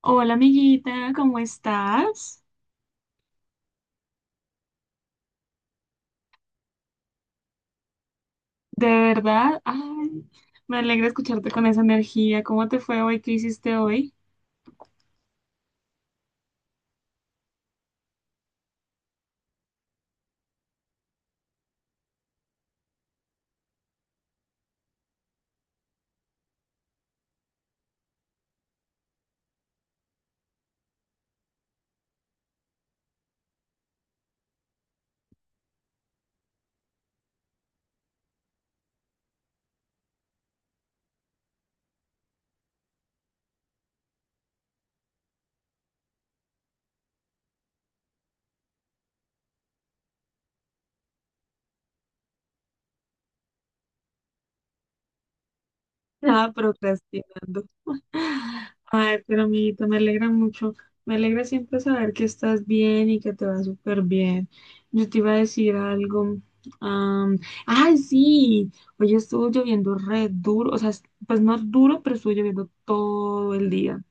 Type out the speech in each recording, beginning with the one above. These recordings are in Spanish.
Hola amiguita, ¿cómo estás? De verdad, ay, me alegra escucharte con esa energía. ¿Cómo te fue hoy? ¿Qué hiciste hoy? Ah, procrastinando. Ay, pero amiguita, me alegra mucho. Me alegra siempre saber que estás bien y que te va súper bien. Yo te iba a decir algo. am, Ay, sí, hoy estuvo lloviendo re duro, o sea, pues no duro, pero estuvo lloviendo todo el día.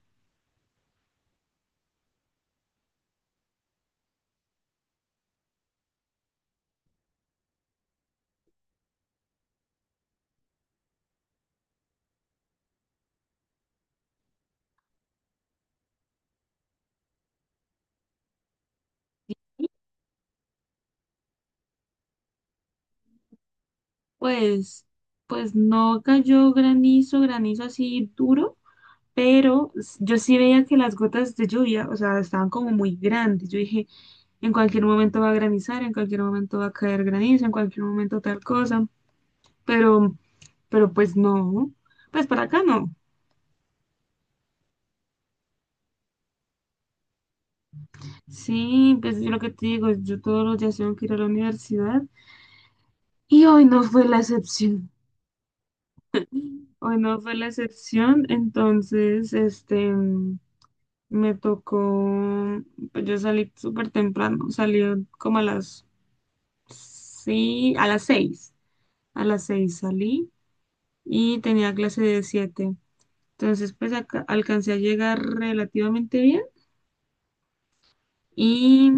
Pues, pues no cayó granizo, granizo así duro, pero yo sí veía que las gotas de lluvia, o sea, estaban como muy grandes. Yo dije, en cualquier momento va a granizar, en cualquier momento va a caer granizo, en cualquier momento tal cosa, pero, pero pues no. Pues para acá no. Sí, pues yo lo que te digo, yo todos los días tengo que ir a la universidad y hoy no fue la excepción. Hoy no fue la excepción, entonces, me tocó, pues yo salí súper temprano, salí como a las, sí, a las seis salí y tenía clase de siete. Entonces, pues acá alcancé a llegar relativamente bien y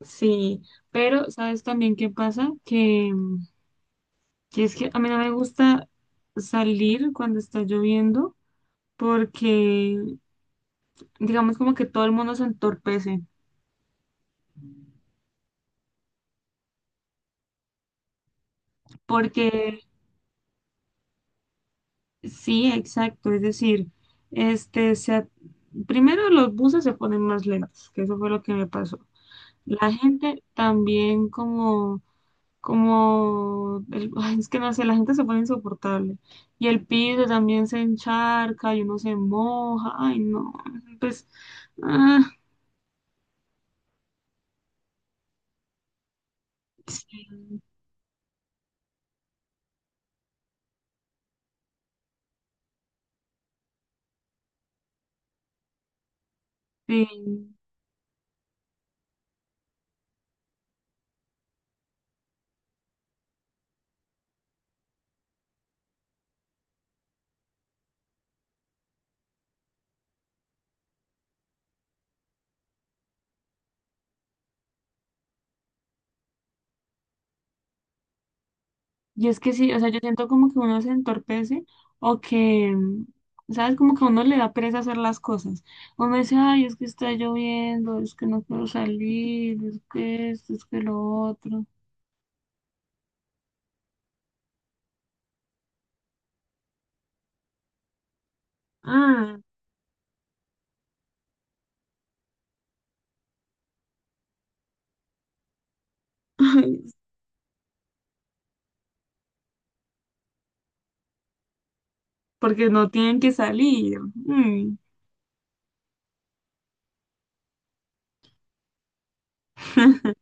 sí, pero ¿sabes también qué pasa? Que es que a mí no me gusta salir cuando está lloviendo porque digamos como que todo el mundo se entorpece porque sí, exacto. Es decir, este, se a- primero los buses se ponen más lentos, que eso fue lo que me pasó. La gente también ay, es que no sé, la gente se pone insoportable. Y el piso también se encharca y uno se moja. Ay, no. Pues, ah, sí, sí. Y es que sí, o sea, yo siento como que uno se entorpece o que, ¿sabes? Como que a uno le da pereza hacer las cosas. Uno dice, ay, es que está lloviendo, es que no quiero salir, es que esto, es que lo otro. Ah, porque no tienen que salir. Mm.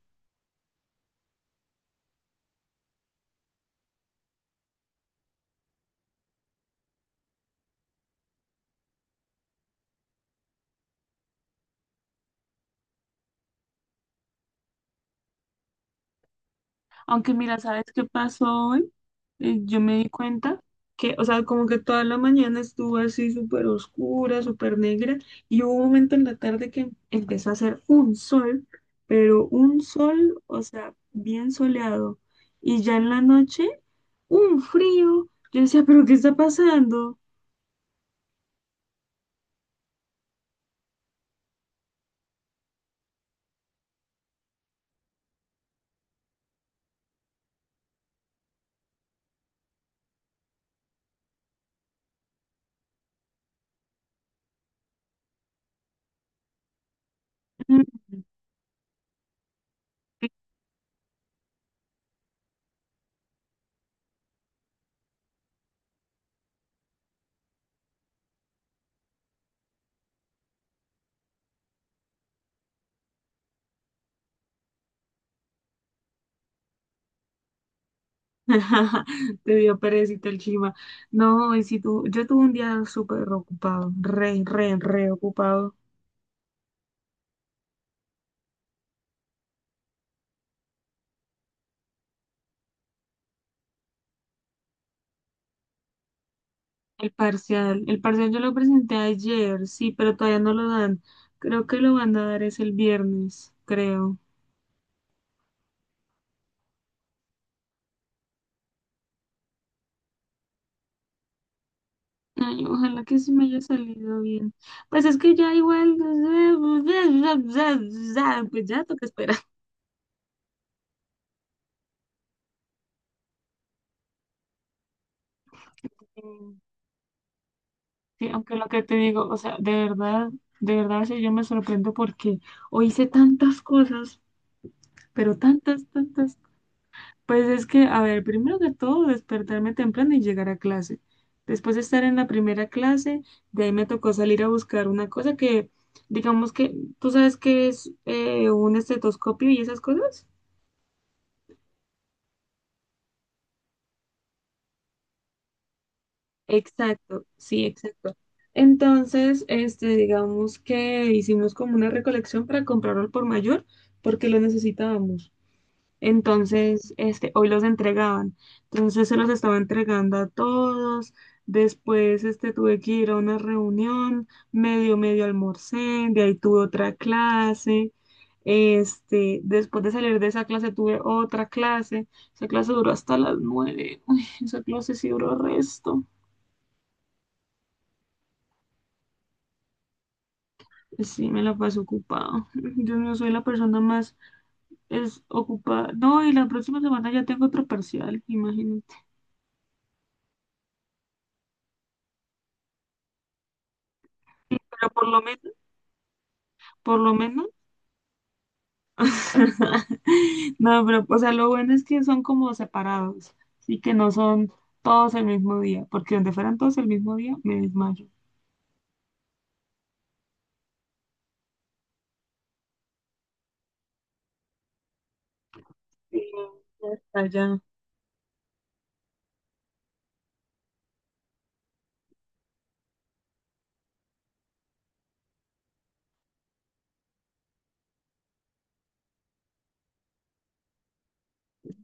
Aunque mira, ¿sabes qué pasó hoy? Yo me di cuenta que, o sea, como que toda la mañana estuvo así súper oscura, súper negra, y hubo un momento en la tarde que empezó a hacer un sol, pero un sol, o sea, bien soleado. Y ya en la noche, un frío. Yo decía, ¿pero qué está pasando? Mm. Te dio perecita el chima. No, y si tú, yo tuve un día súper ocupado, re, re, re ocupado. El parcial yo lo presenté ayer, sí, pero todavía no lo dan. Creo que lo van a dar es el viernes, creo. Ay, ojalá que sí me haya salido bien. Pues es que ya igual, pues ya toca esperar. Mm, sí, aunque lo que te digo, o sea, de verdad, sí, yo me sorprendo porque hoy hice tantas cosas, pero tantas, tantas. Pues es que, a ver, primero que todo, despertarme temprano y llegar a clase. Después de estar en la primera clase, de ahí me tocó salir a buscar una cosa que, digamos que, ¿tú sabes qué es un estetoscopio y esas cosas? Exacto, sí, exacto. Entonces, este, digamos que hicimos como una recolección para comprarlo al por mayor porque lo necesitábamos. Entonces, este, hoy los entregaban. Entonces se los estaba entregando a todos. Después, este, tuve que ir a una reunión, medio, medio almorcé, de ahí tuve otra clase. Este, después de salir de esa clase tuve otra clase. Esa clase duró hasta las nueve. Uy, esa clase sí duró resto. Sí, me la pasé ocupado. Yo no soy la persona más es ocupada. No, y la próxima semana ya tengo otro parcial, imagínate. Sí, pero por lo menos, por lo menos. No, pero, o sea, lo bueno es que son como separados, sí que no son todos el mismo día, porque donde fueran todos el mismo día, me desmayo. Sí, ya está ya.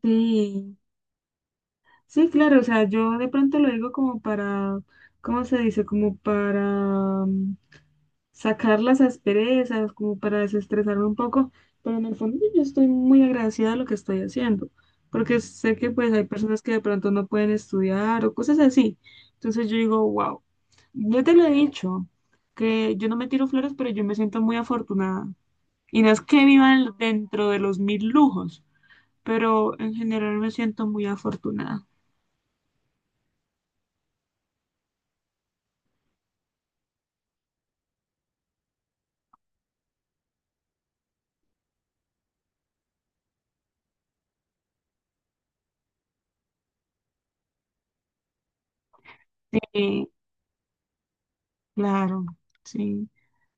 Sí, sí, claro, o sea, yo de pronto lo digo como para, ¿cómo se dice? Como para sacar las asperezas, como para desestresarme un poco, pero en el fondo yo estoy muy agradecida de lo que estoy haciendo, porque sé que pues hay personas que de pronto no pueden estudiar o cosas así. Entonces yo digo, wow, yo te lo he dicho, que yo no me tiro flores, pero yo me siento muy afortunada. Y no es que viva dentro de los mil lujos, pero en general me siento muy afortunada. Eh, claro, sí.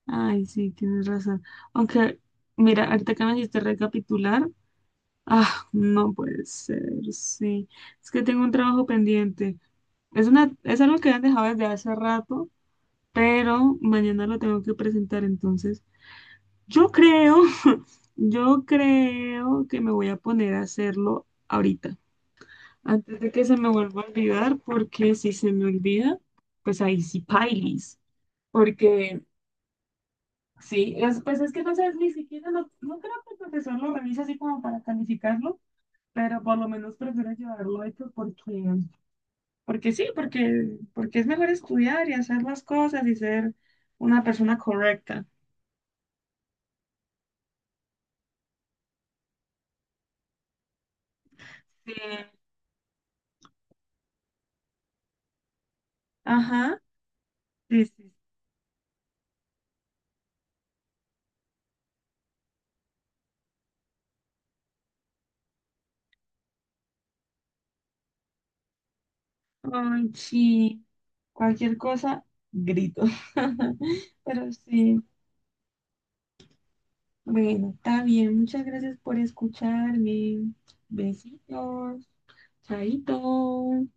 Ay, sí, tienes razón. Aunque, mira, ahorita que me hiciste recapitular, ah, no puede ser, sí. Es que tengo un trabajo pendiente. Es una, es algo que han dejado desde hace rato, pero mañana lo tengo que presentar, entonces yo creo, yo creo que me voy a poner a hacerlo ahorita, antes de que se me vuelva a olvidar, porque si se me olvida, pues ahí sí pailis, porque sí, es, pues es que no sé, ni siquiera, no creo que el profesor lo revise así como para calificarlo, pero por lo menos prefiero llevarlo hecho porque porque sí, porque, porque es mejor estudiar y hacer las cosas y ser una persona correcta. Sí. Ajá, sí, sí. Ay, sí. Cualquier cosa, grito. Pero sí, bueno, está bien. Muchas gracias por escucharme. Besitos. Chaito.